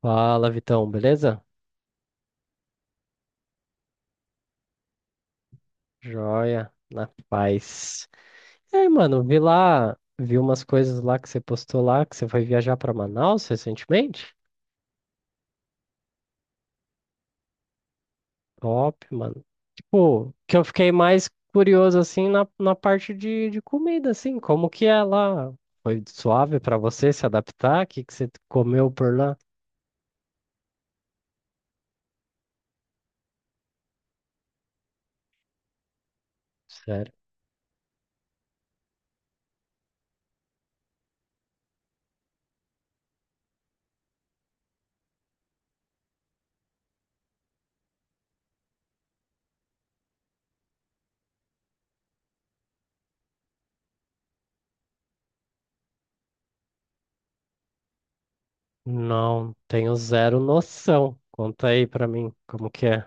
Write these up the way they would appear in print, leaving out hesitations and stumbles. Fala, Vitão, beleza? Joia, na paz. E aí, mano, vi lá, vi umas coisas lá que você postou lá, que você foi viajar pra Manaus recentemente. Top, mano. Tipo, que eu fiquei mais curioso, assim, na parte de comida, assim, como que é lá? Foi suave pra você se adaptar? O que que você comeu por lá? Sério? Não, tenho zero noção. Conta aí pra mim, como que é.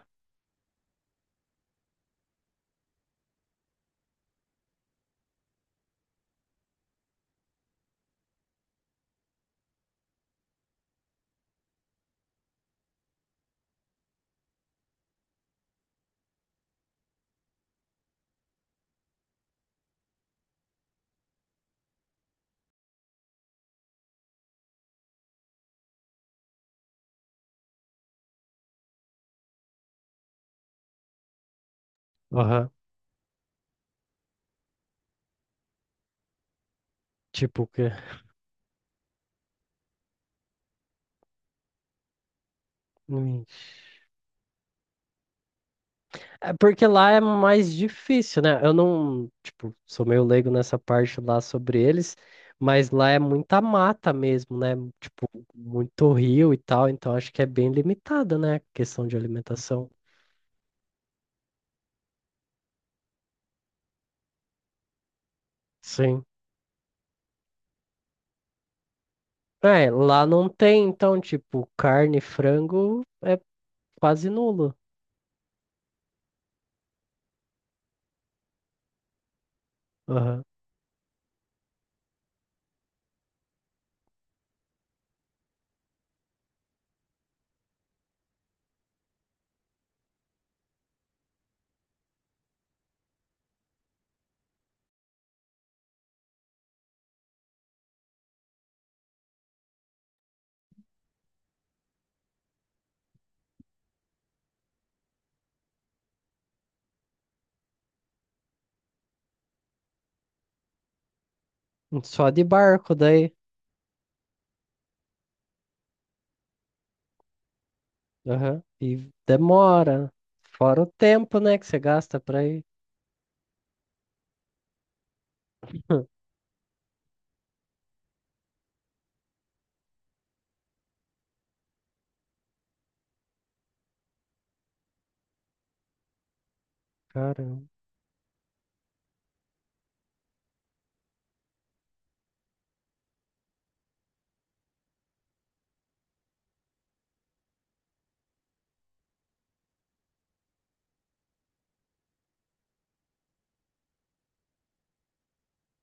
Aham. Tipo o quê? Ixi. É porque lá é mais difícil, né? Eu não, tipo, sou meio leigo nessa parte lá sobre eles, mas lá é muita mata mesmo, né? Tipo, muito rio e tal, então acho que é bem limitada, né? A questão de alimentação. Sim. É, lá não tem, então, tipo, carne, frango é quase nulo. Aham. Só de barco daí. Aham. E demora. Fora o tempo, né, que você gasta pra ir. Caramba.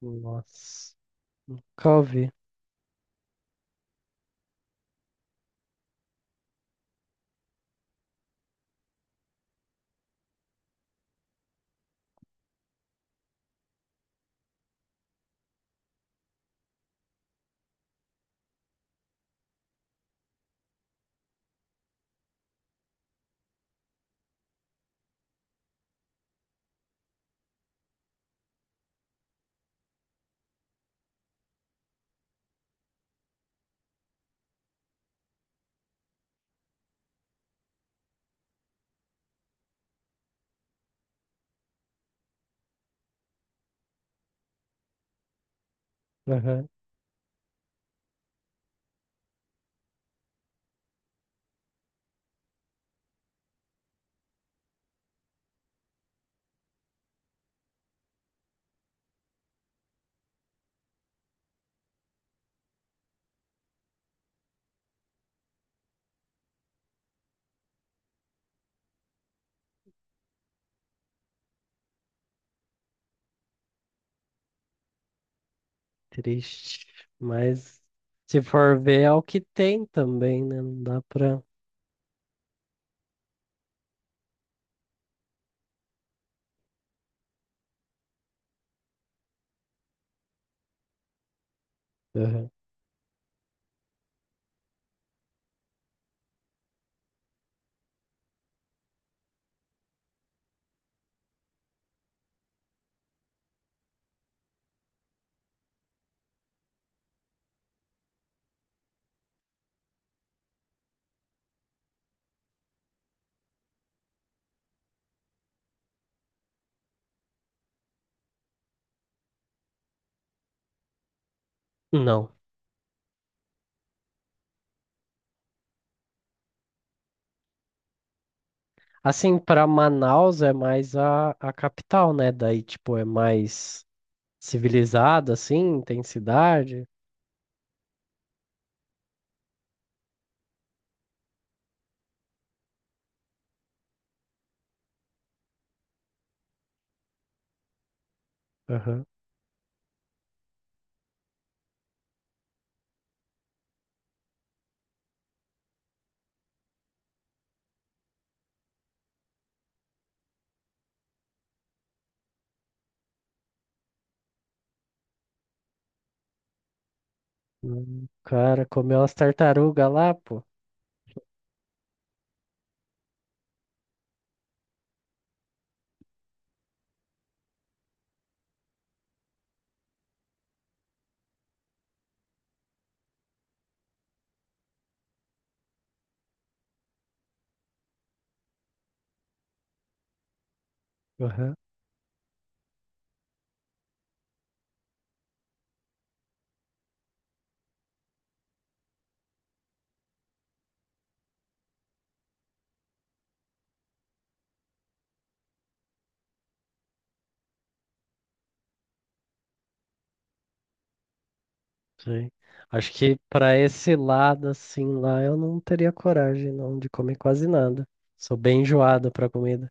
Nossa. Calvi. Triste. Mas se for ver, é o que tem também, né? Não dá pra. Aham. Não. Assim, pra Manaus é mais a capital, né? Daí, tipo, é mais civilizada, assim, tem cidade. Aham. O cara comeu as tartarugas lá, pô. Aham. Sim. Acho que pra esse lado, assim, lá eu não teria coragem, não, de comer quase nada. Sou bem enjoado pra comida.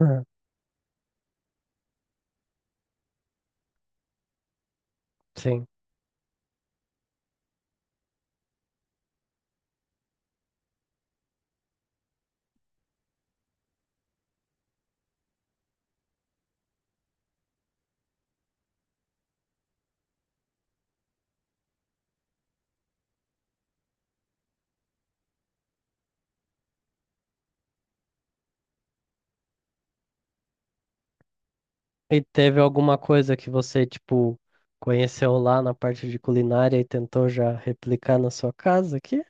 Aham. Sim. E teve alguma coisa que você, tipo, conheceu lá na parte de culinária e tentou já replicar na sua casa aqui?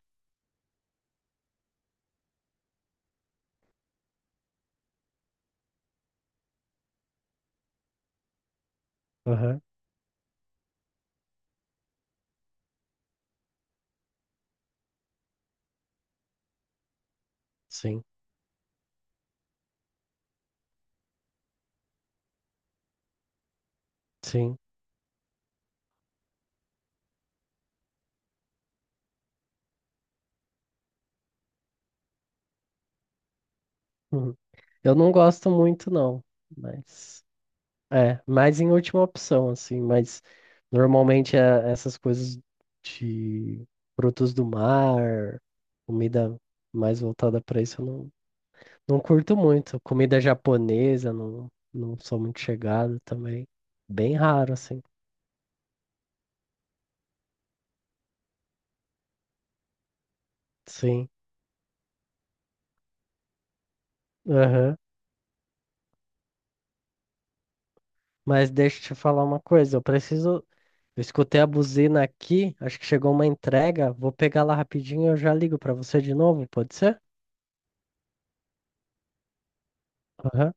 Aham. Sim, sim. Uhum. Eu não gosto muito, não, mas é, mais em última opção, assim, mas normalmente é essas coisas de frutos do mar, comida mais voltada para isso, eu não, não curto muito. Comida japonesa, não, não sou muito chegado também. Bem raro, assim. Sim. Aham. Mas deixa eu te falar uma coisa, eu preciso. Eu escutei a buzina aqui, acho que chegou uma entrega. Vou pegar lá rapidinho e eu já ligo pra você de novo, pode ser? Aham.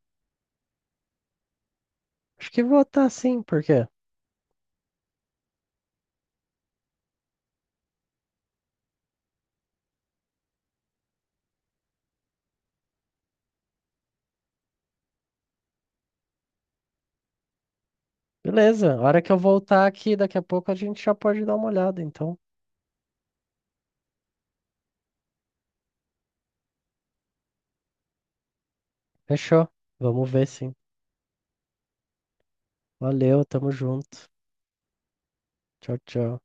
Acho que vou tá sim, por quê? Beleza, a hora que eu voltar aqui, daqui a pouco a gente já pode dar uma olhada, então. Fechou. Vamos ver sim. Valeu, tamo junto. Tchau, tchau.